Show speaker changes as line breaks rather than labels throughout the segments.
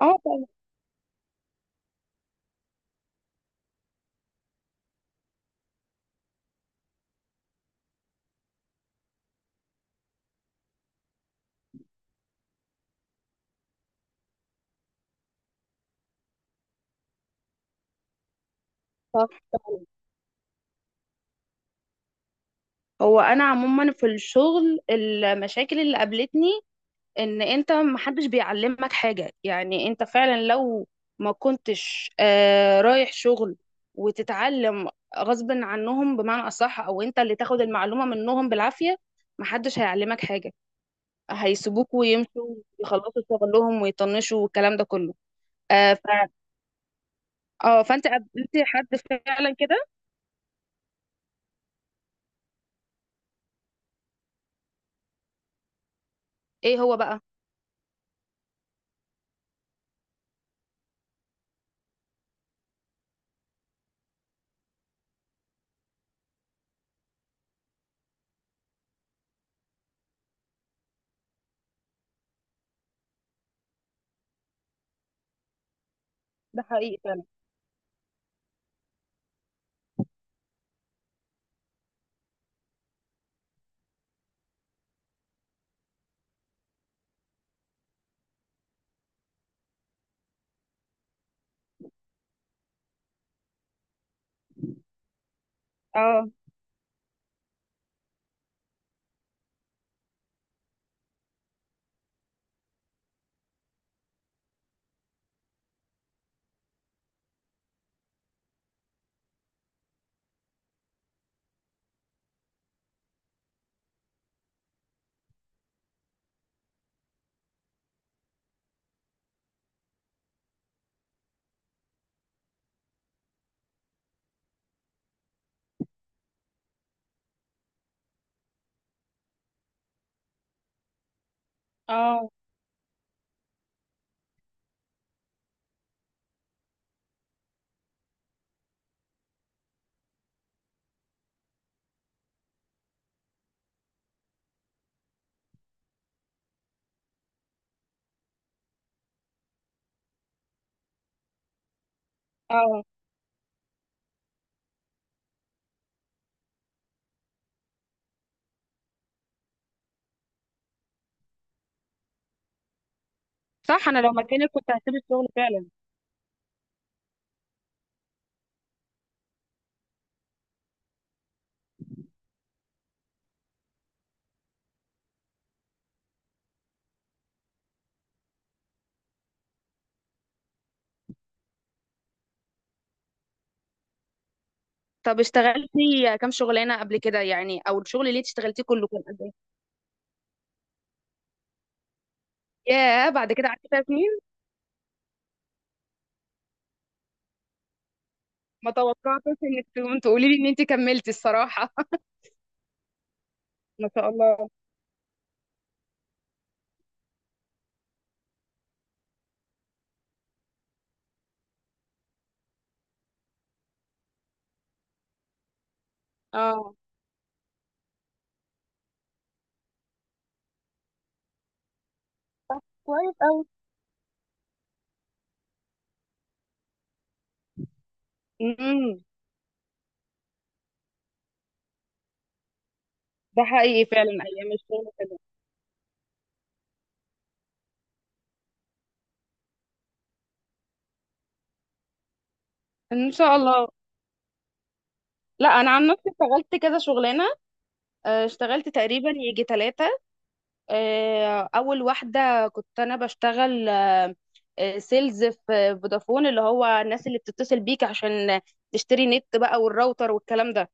اه، طبعا طبعاً. هو انا عموما في الشغل، المشاكل اللي قابلتني ان انت محدش بيعلمك حاجه، يعني انت فعلا لو ما كنتش رايح شغل وتتعلم غصب عنهم، بمعنى اصح او انت اللي تاخد المعلومه منهم بالعافيه، محدش هيعلمك حاجه، هيسيبوك ويمشوا ويخلصوا شغلهم ويطنشوا والكلام ده كله. آه ف... اه فانت قابلت حد فعلا كده؟ ايه هو بقى؟ ده حقيقي فعلا. اه، اه، اه. صح، انا لو مكانك كنت هسيب الشغل فعلا. طب اشتغلتي كام شغلانه قبل كده يعني؟ او الشغل اللي انت اشتغلتيه كله كان قد ايه؟ ياه، بعد كده قعدتي فيها سنين؟ ما توقعتش انك تقوم تقولي لي ان انت كملتي الصراحه ما شاء الله. اه. طب كويس قوي. امم. ده حقيقي فعلا، ايام الشغل كده. ان شاء الله. لا، انا عن نفسي اشتغلت كذا شغلانه، اشتغلت تقريبا يجي ثلاثه. اول واحده كنت انا بشتغل سيلز في فودافون، اللي هو الناس اللي بتتصل بيك عشان تشتري نت بقى والراوتر والكلام ده.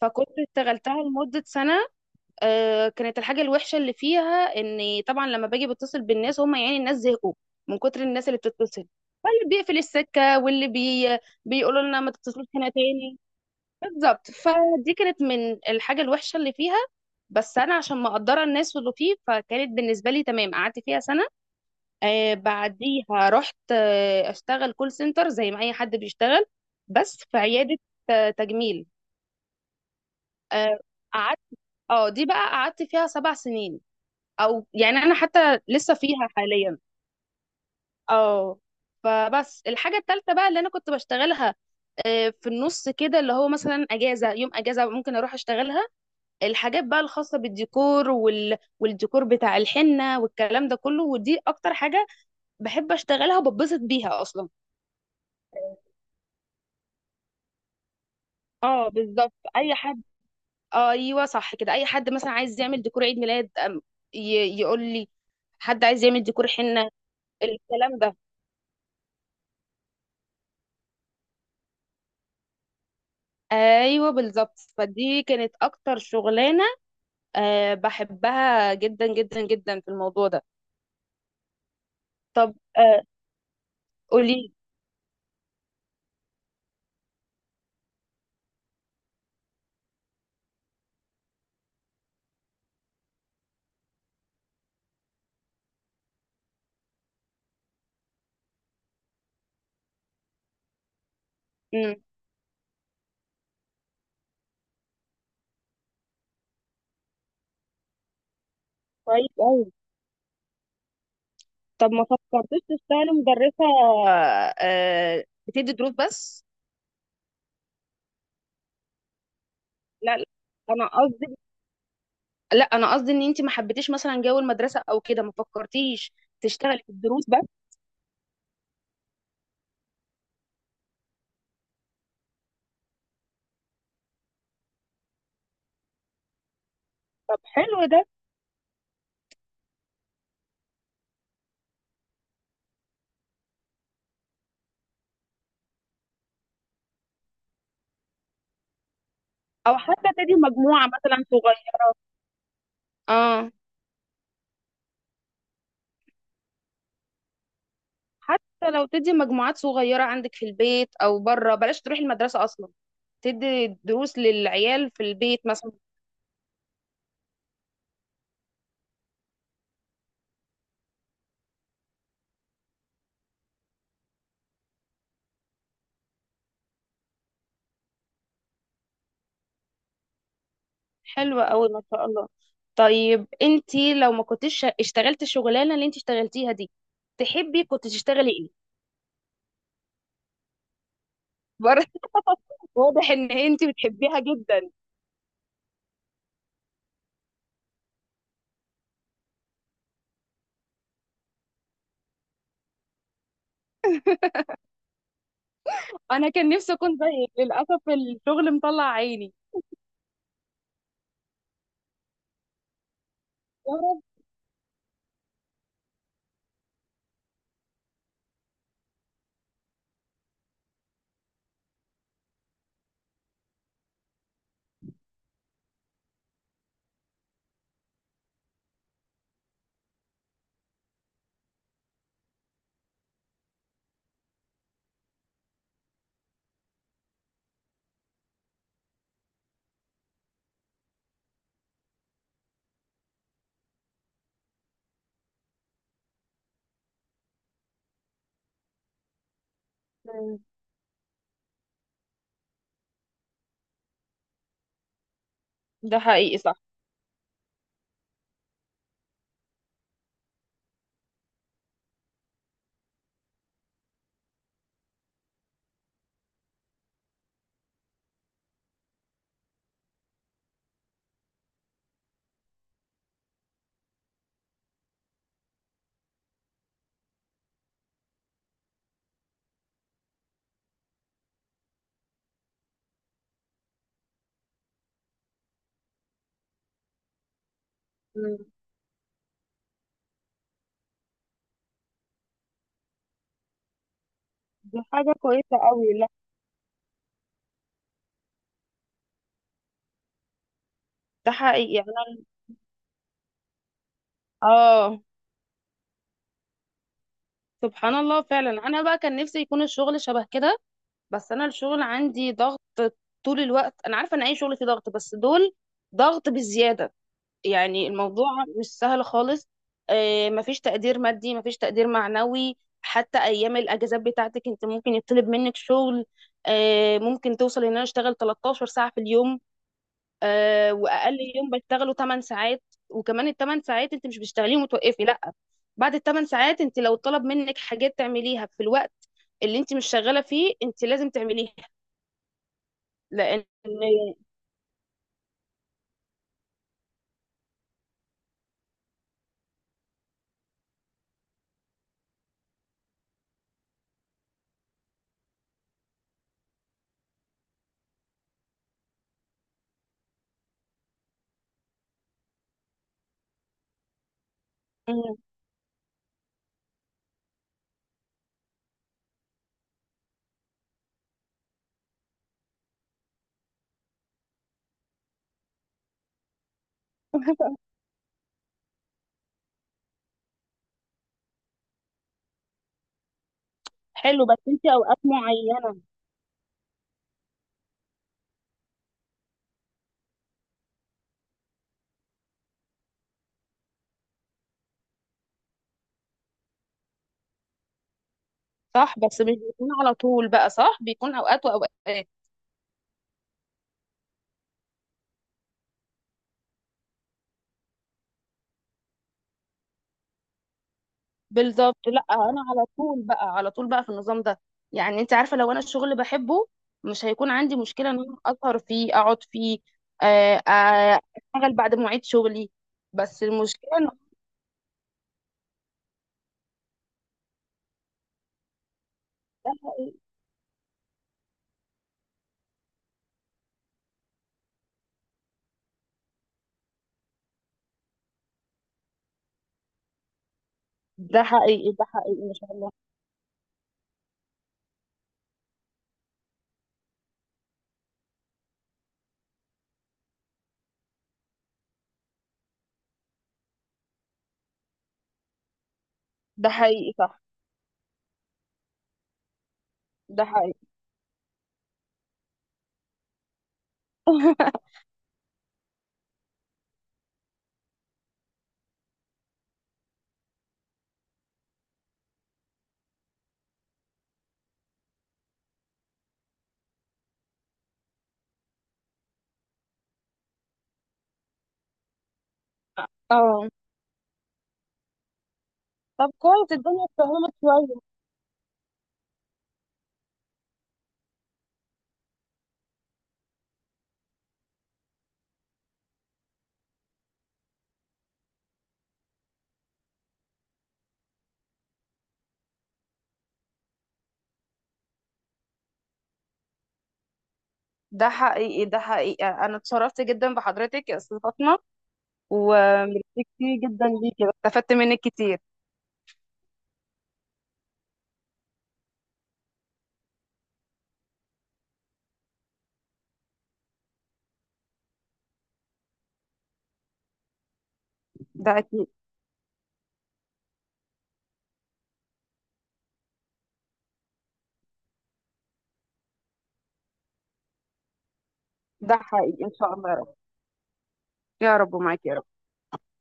فكنت اشتغلتها لمدة سنة. كانت الحاجة الوحشة اللي فيها ان طبعا لما باجي بتصل بالناس، هم يعني الناس زهقوا من كتر الناس اللي بتتصل، فاللي بيقفل السكة بيقولوا لنا ما تتصلوش هنا تاني. بالظبط، فدي كانت من الحاجة الوحشة اللي فيها، بس أنا عشان مقدرة الناس واللي فيه فكانت بالنسبة لي تمام، قعدت فيها سنة. بعديها رحت أشتغل كول سنتر زي ما أي حد بيشتغل، بس في عيادة تجميل. آه قعدت. اه دي بقى قعدت فيها 7 سنين، أو يعني أنا حتى لسه فيها حاليا. اه فبس الحاجة التالتة بقى اللي أنا كنت بشتغلها، في النص كده، اللي هو مثلا اجازه، يوم اجازه ممكن اروح اشتغلها، الحاجات بقى الخاصة بالديكور والديكور بتاع الحنة والكلام ده كله، ودي اكتر حاجة بحب اشتغلها وببسط بيها اصلا. اه بالظبط، اي حد، ايوه صح كده، اي حد مثلا عايز يعمل ديكور عيد ميلاد، ي... يقول لي، حد عايز يعمل ديكور حنة، الكلام ده. ايوه بالظبط، فدي كانت اكتر شغلانة، بحبها جدا جدا جدا في الموضوع ده. طب، قولي. مم. كويس أوي. طب ما فكرتش تشتغلي مدرسة؟ بتدي دروس بس؟ لا لا، انا قصدي انا قصدي ان انت ما حبيتيش مثلا جو المدرسة او كده، ما فكرتيش تشتغلي في الدروس بس؟ طب حلو ده. او حتى تدي مجموعة مثلا صغيرة، اه حتى لو تدي مجموعات صغيرة عندك في البيت او بره، بلاش تروحي المدرسة اصلا، تدي دروس للعيال في البيت مثلا. حلوة أوي، ما شاء الله. طيب انتي لو ما كنتش اشتغلت الشغلانة اللي انتي اشتغلتيها دي، تحبي كنت تشتغلي ايه؟ برضه. واضح ان انتي بتحبيها جدا. انا كان نفسي اكون زيك، للأسف الشغل مطلع عيني. يا رب. مم. ده حقيقي صح. مم. دي حاجة كويسة أوي، لا. ده حقيقي، يعني أنا. اه، سبحان الله فعلا. انا بقى كان نفسي يكون الشغل شبه كده، بس انا الشغل عندي ضغط طول الوقت، انا عارفة ان اي شغل فيه ضغط، بس دول ضغط بالزيادة، يعني الموضوع مش سهل خالص. مفيش تقدير مادي مفيش تقدير معنوي، حتى ايام الاجازات بتاعتك انت ممكن يطلب منك شغل. ممكن توصل ان انا اشتغل 13 ساعه في اليوم، واقل يوم بشتغله 8 ساعات، وكمان ال 8 ساعات انت مش بتشتغليهم وتوقفي لا، بعد ال 8 ساعات انت لو طلب منك حاجات تعمليها في الوقت اللي انت مش شغاله فيه، انت لازم تعمليها، لان. مم. حلو، بس انت اوقات معينه. صح، بس مش بيكون على طول بقى، صح، بيكون اوقات واوقات. بالظبط، لا انا على طول بقى، على طول بقى في النظام ده، يعني انت عارفه، لو انا الشغل بحبه مش هيكون عندي مشكله ان انا اسهر فيه اقعد فيه، آه، آه، اشتغل بعد مواعيد شغلي، بس المشكله ان. ده حقيقي، ده حقيقي، ده حقيقي، ما شاء الله. ده حقيقي صح. ده حقيقي اه طب كويس، الدنيا اتفهمت شويه. ده حقيقي، ده حقيقي، انا اتشرفت جدا بحضرتك يا استاذ فاطمه، وميرسي جدا ليكي، استفدت منك كتير. ده اكيد. ده حقيقي، ان شاء الله يا رب. يا رب، ومعاكي يا رب.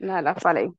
لا، لا عليك.